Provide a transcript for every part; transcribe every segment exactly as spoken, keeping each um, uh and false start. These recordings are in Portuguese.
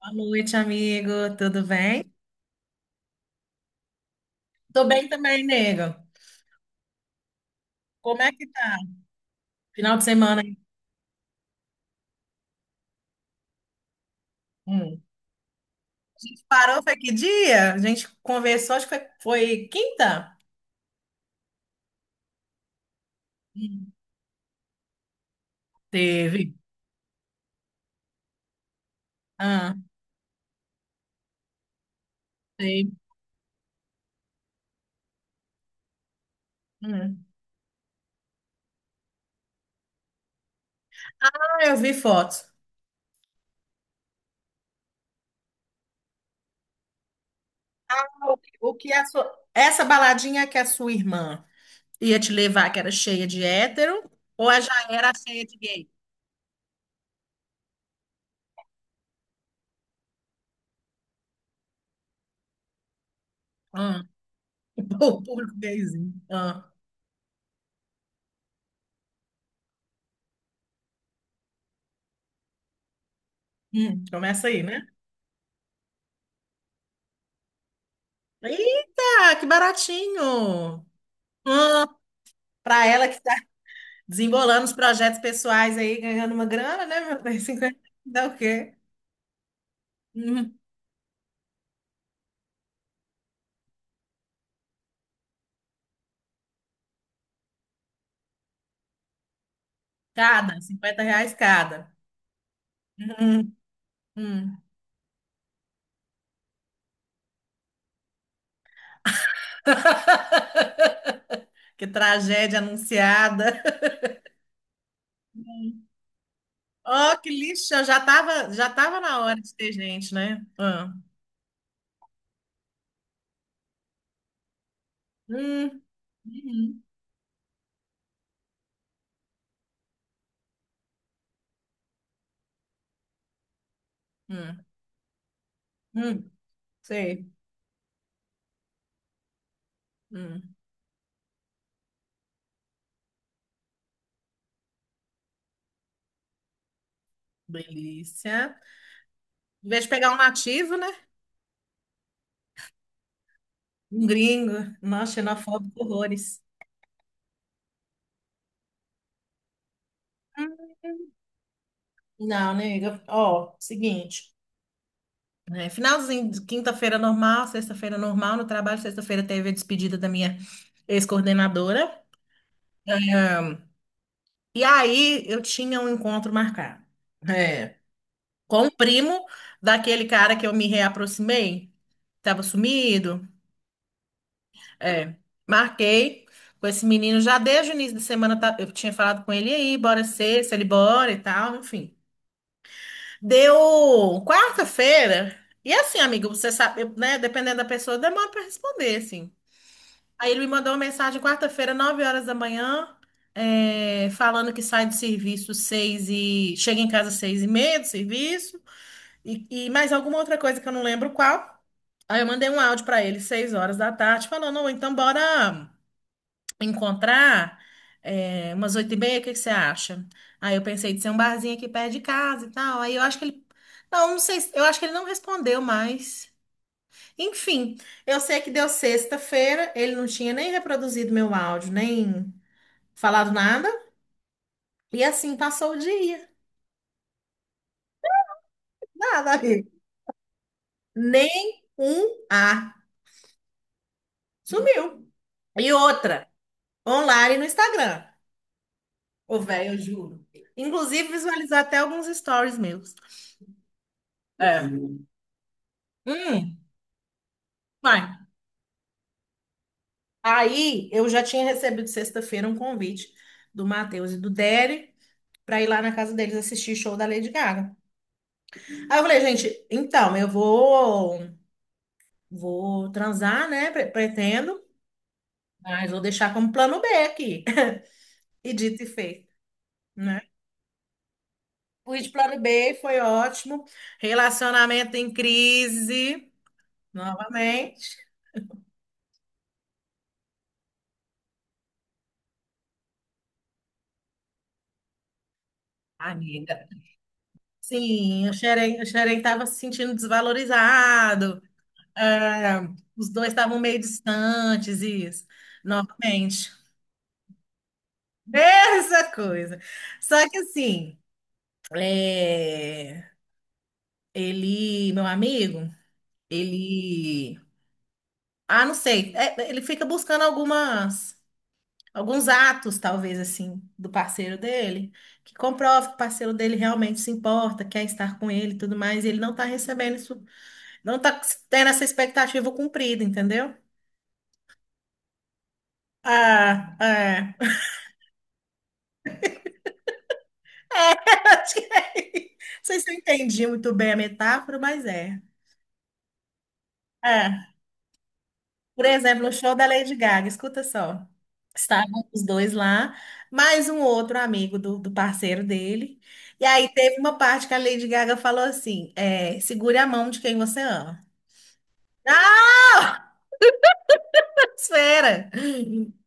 Boa noite, amigo. Tudo bem? Tô bem também, nego. Como é que tá? Final de semana, hein? Hum. A gente parou, foi que dia? A gente conversou, acho que foi, foi quinta? Hum. Teve. Ah, teve. Hum. Ah, eu vi fotos. O que o que a sua... Essa baladinha que a sua irmã ia te levar, que era cheia de hétero, ou ela já era cheia de gay? Ah. O público gayzinho. Ah. Hum. Começa aí, né? Eita, que baratinho! Ah, para ela que está desembolando os projetos pessoais aí, ganhando uma grana, né, meu bem? cinquenta dá o quê? Hum, cada, cinquenta reais cada. Hum, hum. Que tragédia anunciada. Oh, que lixo, já tava, já tava na hora de ter gente, né? Ah. Hum, uhum, hum, hum, sei. Hum, delícia. Em vez de pegar um nativo, né? Um gringo. Nossa, xenofóbico, horrores. Hum. Não, nega. Ó, seguinte. É, finalzinho de quinta-feira normal, sexta-feira normal no trabalho, sexta-feira teve a despedida da minha ex-coordenadora. Ahn, E aí eu tinha um encontro marcado, é, com o primo daquele cara que eu me reaproximei, estava sumido. É, marquei com esse menino já desde o início da semana, tá- eu tinha falado com ele e aí, bora ser se ele bora e tal, enfim. Deu quarta-feira. E assim, amigo, você sabe, eu, né, dependendo da pessoa, demora para responder, assim. Aí ele me mandou uma mensagem quarta-feira, nove horas da manhã, é, falando que sai do serviço seis e chega em casa seis e meia do serviço e, e mais alguma outra coisa que eu não lembro qual. Aí eu mandei um áudio para ele seis horas da tarde, falando: "Ô, então bora encontrar é, umas oito e meia, o que que você acha?" Aí eu pensei de ser um barzinho aqui perto de casa e tal. Aí eu acho que ele, não, não sei, se- eu acho que ele não respondeu mais. Enfim, eu sei que deu sexta-feira, ele não tinha nem reproduzido meu áudio, nem falado nada. E assim passou o dia. Nada, amigo. Nem um A. Sumiu. E outra, online no Instagram. Ô, velho, eu juro. Inclusive, visualizar até alguns stories meus. É. Hum, vai. Aí eu já tinha recebido sexta-feira um convite do Matheus e do Dery para ir lá na casa deles assistir show da Lady Gaga. Aí eu falei, gente, então, eu vou. Vou transar, né? pre- Pretendo, mas vou deixar como plano B aqui. E dito e feito, né? Fui de plano B, foi ótimo. Relacionamento em crise, novamente. Amiga. Sim, o Xerém, o Xerém estava se sentindo desvalorizado. É, os dois estavam meio distantes, isso. Novamente. Mesma coisa. Só que assim, é, ele, meu amigo, ele. Ah, não sei. É, ele fica buscando algumas, alguns atos, talvez, assim, do parceiro dele, que comprova que o parceiro dele realmente se importa, quer estar com ele e tudo mais, e ele não está recebendo isso, não está tendo essa expectativa cumprida, entendeu? Ah, é. Acho que é isso. Não sei se eu entendi muito bem a metáfora, mas é. É. Por exemplo, o show da Lady Gaga, escuta só. Estavam os dois lá, mais um outro amigo do, do parceiro dele. E aí teve uma parte que a Lady Gaga falou assim: é, segure a mão de quem você ama. Ah, espera!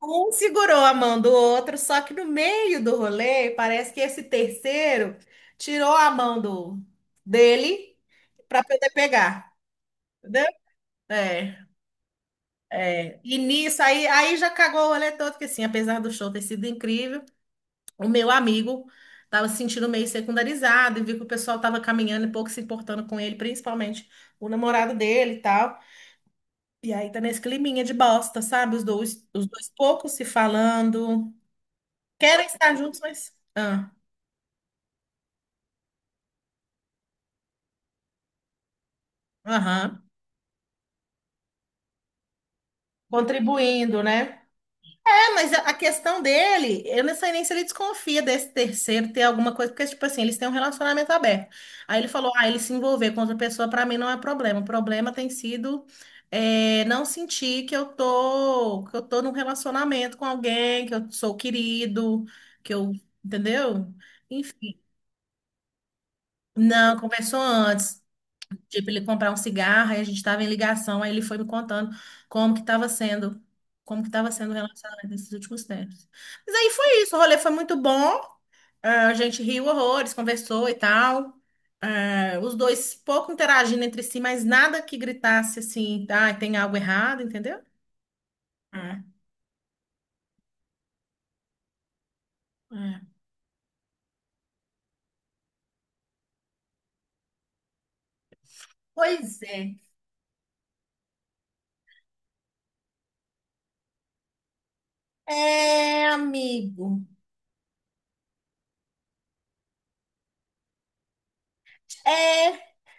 Um segurou a mão do outro, só que no meio do rolê, parece que esse terceiro tirou a mão do dele para poder pegar. Entendeu? É. É, e nisso, aí, aí já cagou o rolê todo, porque assim, apesar do show ter sido incrível, o meu amigo tava se sentindo meio secundarizado e viu que o pessoal tava caminhando e pouco se importando com ele, principalmente o namorado dele e tal. E aí tá nesse climinha de bosta, sabe? Os dois, os dois pouco se falando, querem estar juntos, mas. Ah, aham, contribuindo, né? Mas a a questão dele, eu não sei nem se ele desconfia desse terceiro ter alguma coisa, porque, tipo assim, eles têm um relacionamento aberto. Aí ele falou, ah, ele se envolver com outra pessoa, pra mim não é problema. O problema tem sido é, não sentir que eu tô, que eu tô num relacionamento com alguém, que eu sou querido, que eu, entendeu? Enfim, não, conversou antes. Tipo, ele comprar um cigarro, aí a gente estava em ligação, aí ele foi me contando como que estava sendo, como que estava sendo o relacionamento nesses últimos tempos. Mas aí foi isso, o rolê foi muito bom, ah, a gente riu horrores, conversou e tal. Ah, os dois pouco interagindo entre si, mas nada que gritasse assim, ah, tem algo errado, entendeu? É, é. Pois é. É, amigo. É,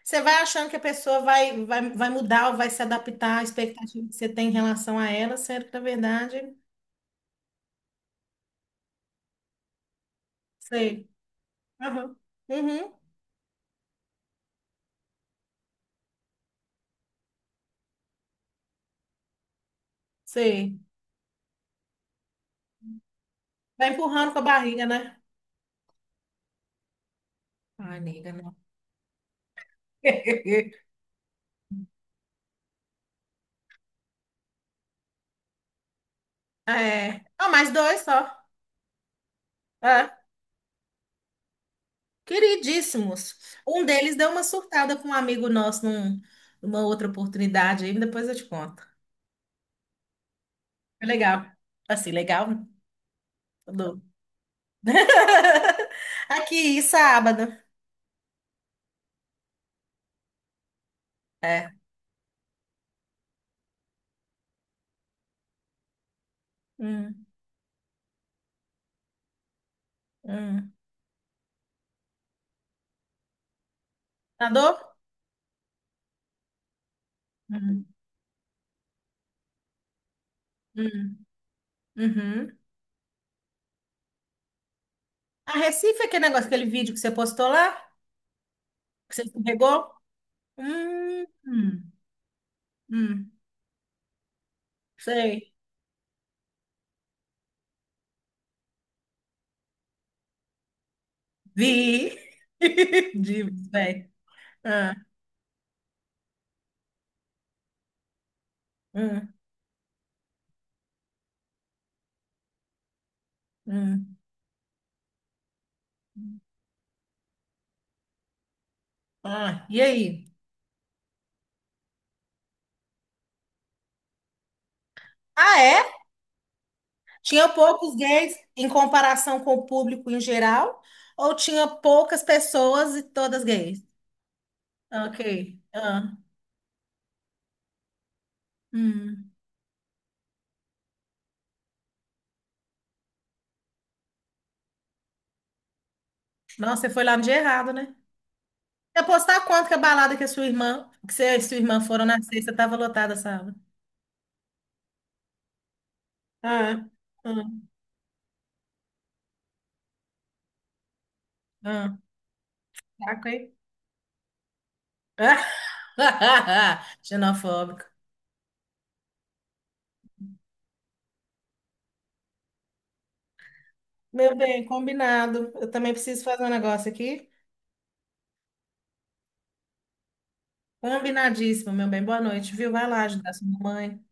você vai achando que a pessoa vai, vai, vai mudar ou vai se adaptar à expectativa que você tem em relação a ela, sendo que, na verdade, sei. Aham. Uhum. Sei. Vai empurrando com a barriga, né? Ai, nega, não. É. Ah, mais dois só. É. Queridíssimos. Um deles deu uma surtada com um amigo nosso num- numa outra oportunidade aí, depois eu te conto. Foi legal. Assim, legal, né? Aqui, sábado. É. Hum, hum. Nadou? Hum, hum, uhum. A Recife é aquele negócio, aquele vídeo que você postou lá, que você escorregou? Hum, hum, hum, sei. Vi. Divos, velho. Ah, hum, hum. Ah, e aí? Ah, é? Tinha poucos gays em comparação com o público em geral? Ou tinha poucas pessoas e todas gays? Ok. Ah, hum. Nossa, você foi lá no dia errado, né? Apostar quanto que a balada que a sua irmã, que você e sua irmã foram na sexta, tava lotada a sala. Ah, ah, ah, saco, hein? Xenofóbico. Meu bem, combinado. Eu também preciso fazer um negócio aqui. Combinadíssimo, meu bem. Boa noite, viu? Vai lá ajudar sua mamãe.